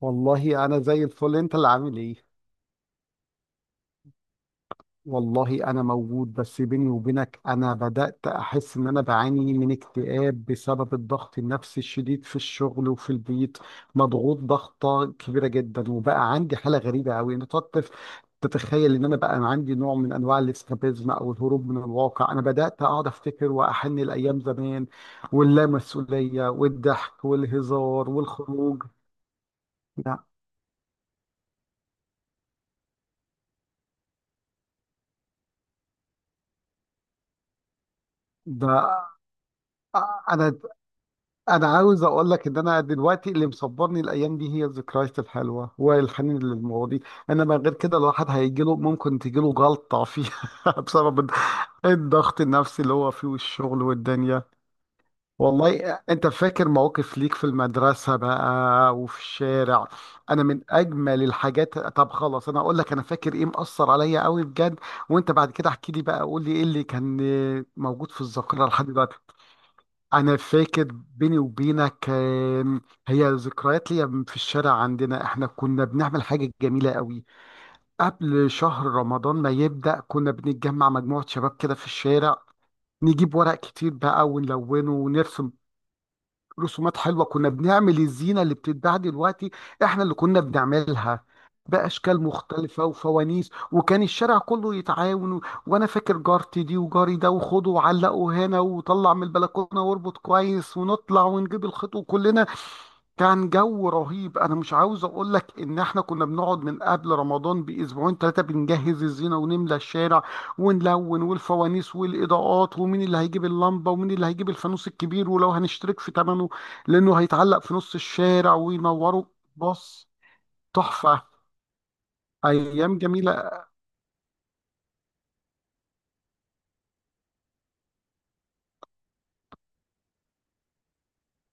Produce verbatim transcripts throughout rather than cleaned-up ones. والله انا زي الفل، انت اللي عامل ايه؟ والله انا موجود، بس بيني وبينك انا بدأت احس ان انا بعاني من اكتئاب بسبب الضغط النفسي الشديد في الشغل وفي البيت. مضغوط ضغطة كبيرة جدا، وبقى عندي حالة غريبة قوي. انا تقدر تتخيل ان انا بقى عندي نوع من انواع الاسكابيزم او الهروب من الواقع؟ انا بدأت اقعد افتكر واحن الايام زمان واللامسؤولية والضحك والهزار والخروج. لا، ده انا انا عاوز اقول لك ان انا دلوقتي اللي مصبرني الايام دي هي الذكريات الحلوه والحنين للماضي. انما غير كده الواحد هيجي له، ممكن تجي له جلطه فيها بسبب الضغط النفسي اللي هو فيه والشغل والدنيا. والله انت فاكر مواقف ليك في المدرسه بقى وفي الشارع؟ انا من اجمل الحاجات. طب خلاص، انا اقول لك انا فاكر ايه مأثر عليا قوي بجد، وانت بعد كده احكي لي بقى، قول لي ايه اللي كان موجود في الذاكره لحد دلوقتي. انا فاكر، بيني وبينك، كان هي ذكريات ليا في الشارع عندنا. احنا كنا بنعمل حاجه جميله قوي قبل شهر رمضان ما يبدا. كنا بنتجمع مجموعه شباب كده في الشارع، نجيب ورق كتير بقى ونلونه ونرسم رسومات حلوه. كنا بنعمل الزينه اللي بتتباع دلوقتي، احنا اللي كنا بنعملها، باشكال مختلفه وفوانيس، وكان الشارع كله يتعاون و- وانا فاكر جارتي دي وجاري ده وخده وعلقه هنا وطلع من البلكونه واربط كويس ونطلع ونجيب الخيط وكلنا كان جو رهيب. انا مش عاوز اقول لك ان احنا كنا بنقعد من قبل رمضان باسبوعين ثلاثه بنجهز الزينه ونملى الشارع ونلون، والفوانيس والاضاءات ومين اللي هيجيب اللمبه ومين اللي هيجيب الفانوس الكبير ولو هنشترك في ثمنه لانه هيتعلق في نص الشارع وينوره. بص، تحفه، ايام جميله.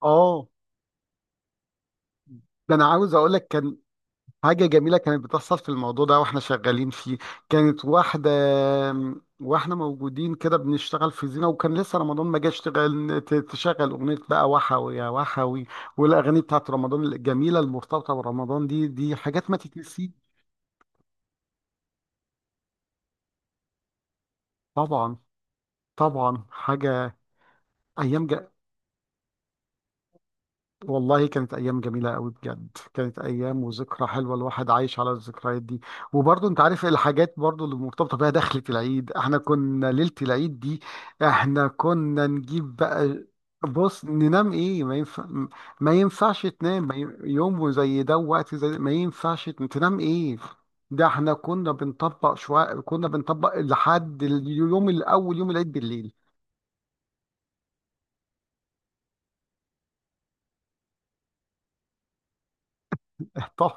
اه، ده انا عاوز اقول لك كان حاجة جميلة كانت بتحصل في الموضوع ده واحنا شغالين فيه. كانت واحدة واحنا موجودين كده بنشتغل في زينة، وكان لسه رمضان ما جاش، تغل- ت- تشغل أغنية بقى وحوي يا وحوي. والأغاني بتاعت رمضان الجميلة المرتبطة برمضان، دي دي حاجات ما تتنسيش. طبعا، طبعا. حاجة أيام، والله كانت أيام جميلة أوي بجد. كانت أيام وذكرى حلوة، الواحد عايش على الذكريات دي. وبرضه أنت عارف الحاجات برضه اللي مرتبطة بيها دخلة العيد. احنا كنا ليلة العيد دي احنا كنا نجيب بقى. بص، ننام ايه، ما ينفع. ما ينفعش تنام، ما ي- يوم زي ده ووقت زي ده ما ينفعش تن- تنام ايه. ده احنا كنا بنطبق شوية، كنا بنطبق لحد اليوم الأول، يوم العيد بالليل. طب،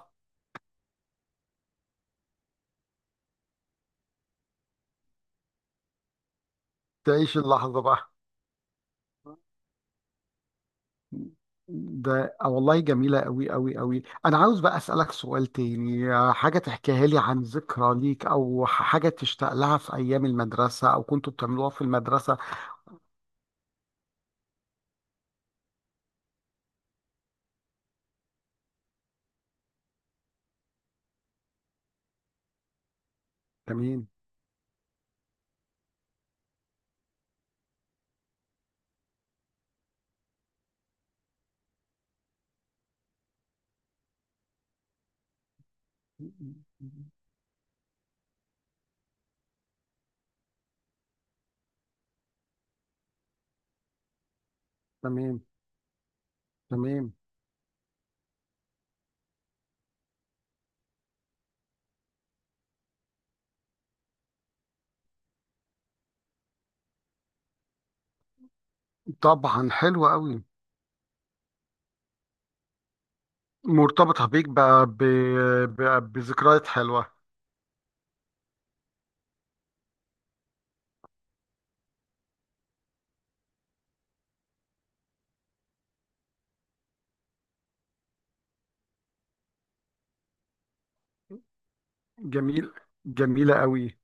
تعيش اللحظة بقى. ده آه والله، جميلة أوي أوي أوي. أنا عاوز بقى أسألك سؤال تاني، آه، حاجة تحكيها لي عن ذكرى ليك، أو ح- حاجة تشتاق لها في أيام المدرسة، أو كنتوا بتعملوها في المدرسة. تمام، تمام، تمام. طبعا، حلوة أوي. مرتبطة بيك ب... ب... ب... بذكريات حلوة. جميل، جميلة أوي.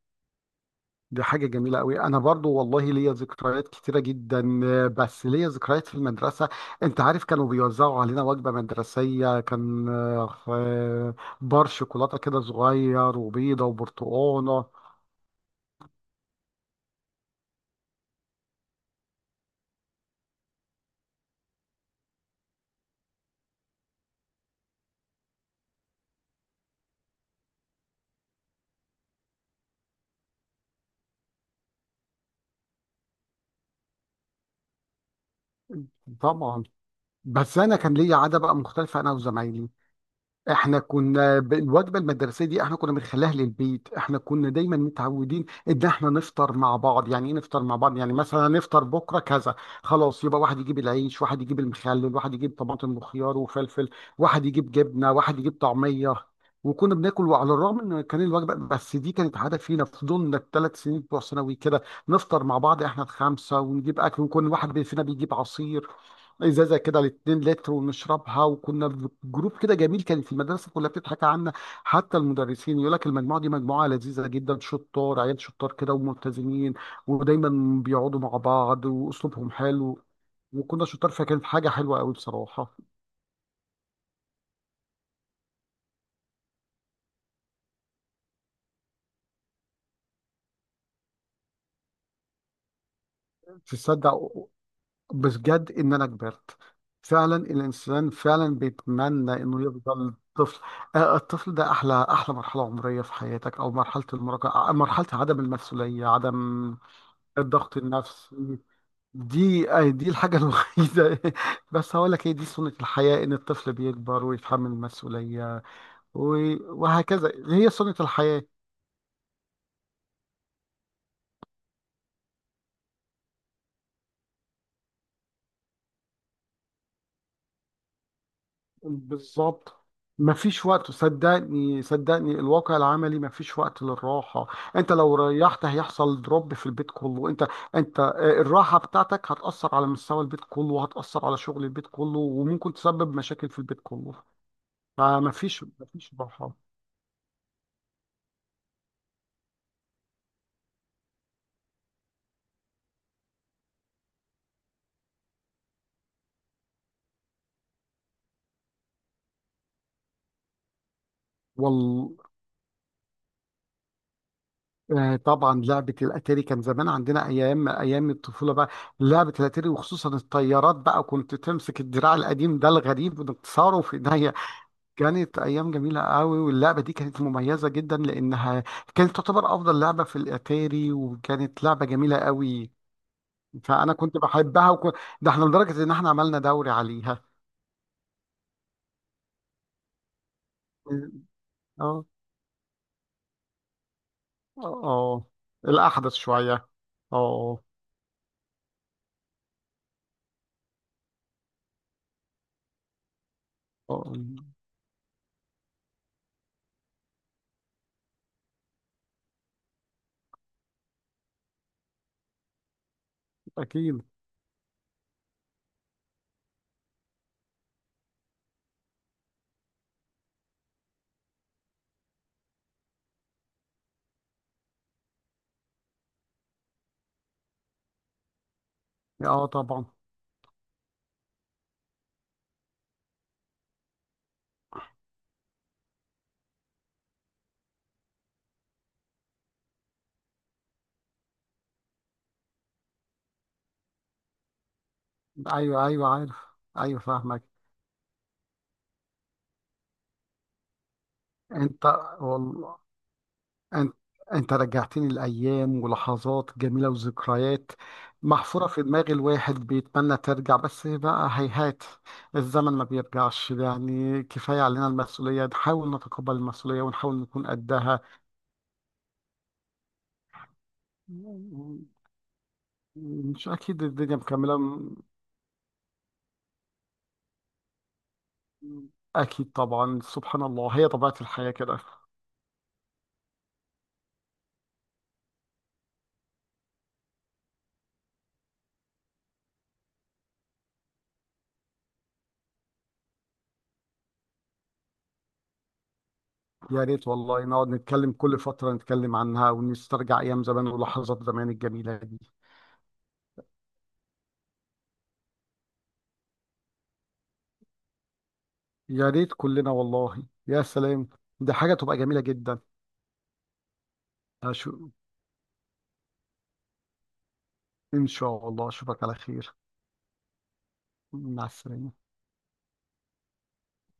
دي حاجة جميلة قوي. أنا برضو والله ليا ذكريات كتيرة جدا، آه، بس ليا ذكريات في المدرسة. أنت عارف كانوا بيوزعوا علينا وجبة مدرسية، كان آه، آه، بار شوكولاتة كده صغير، وبيضة، وبرتقانة. طبعا. بس أنا كان ليا عادة بقى مختلفة، أنا وزمايلي. احنا كنا ب- الوجبه المدرسيه دي احنا كنا بنخليها للبيت. احنا كنا دايما متعودين ان احنا نفطر مع بعض، يعني ايه نفطر مع بعض؟ يعني مثلا نفطر بكره كذا، خلاص يبقى واحد يجيب العيش، واحد يجيب المخلل، واحد يجيب طماطم وخيار وفلفل، واحد يجيب جبنه، واحد يجيب طعميه. وكنا بناكل. وعلى الرغم ان كان الوجبه بس، دي كانت عاده فينا، فضلنا الثلاث سنين بتوع ثانوي كده نفطر مع بعض احنا الخمسه، ونجيب اكل، وكل واحد فينا بيجيب عصير، ازازه كده لاتنين لتر، ونشربها. وكنا في جروب كده جميل، كان في المدرسه كلها بتضحك عنا، حتى المدرسين يقول لك المجموعه دي مجموعه لذيذه جدا، شطار عيال، شطار كده وملتزمين، ودايما بيقعدوا مع بعض، واسلوبهم حلو. وكنا شطار، فكانت حاجه حلوه قوي بصراحه. تصدق، بجد ان انا كبرت؟ فعلا، الانسان فعلا بيتمنى انه يفضل طفل. آه، الطفل ده احلى احلى مرحله عمريه في حياتك، او مرحله المراهقه، آه، مرحله عدم المسؤوليه، عدم الضغط النفسي. دي آه، دي الحاجة الوحيدة. بس هقول لك هي دي سنة الحياة، إن الطفل بيكبر ويتحمل مسؤولية و- وهكذا هي سنة الحياة. بالظبط، مفيش وقت، صدقني، صدقني، الواقع العملي مفيش وقت للراحة. انت لو ريحت هيحصل دروب في البيت كله. انت انت آه، الراحة بتاعتك هتأثر على مستوى البيت كله، وهتأثر على شغل البيت كله، وممكن تسبب مشاكل في البيت كله. فمفيش، مفيش راحة. والله آه، طبعا لعبة الأتاري كان زمان عندنا، أيام أيام الطفولة بقى. لعبة الأتاري، وخصوصا الطيارات بقى، كنت تمسك الدراع القديم ده الغريب وتكسره في إيديا. كانت أيام جميلة قوي، واللعبة دي كانت مميزة جدا لأنها كانت تعتبر أفضل لعبة في الأتاري، وكانت لعبة جميلة قوي. فأنا كنت بحبها وكو... ده احنا لدرجة إن احنا عملنا دوري عليها. اه، اه، آه. الأحدث شوية. اه، آه، أكيد. اه، طبعا. ايوه، ايوه، عارف. ايوه، فاهمك. انت، والله انت انت رجعتني لايام ولحظات جميله وذكريات محفوره في دماغ الواحد، بيتمنى ترجع، بس بقى هيهات، الزمن ما بيرجعش، يعني كفايه علينا المسؤوليه، نحاول نتقبل المسؤوليه ونحاول نكون قدها. مش اكيد الدنيا مكمله م- اكيد طبعا، سبحان الله، هي طبيعه الحياه كده. يا ريت والله نقعد نتكلم كل فترة، نتكلم عنها ونسترجع أيام زمان ولحظات زمان الجميلة دي. يا ريت كلنا والله، يا سلام، دي حاجة تبقى جميلة جدا. أشو... إن شاء الله، أشوفك على خير. مع السلامة.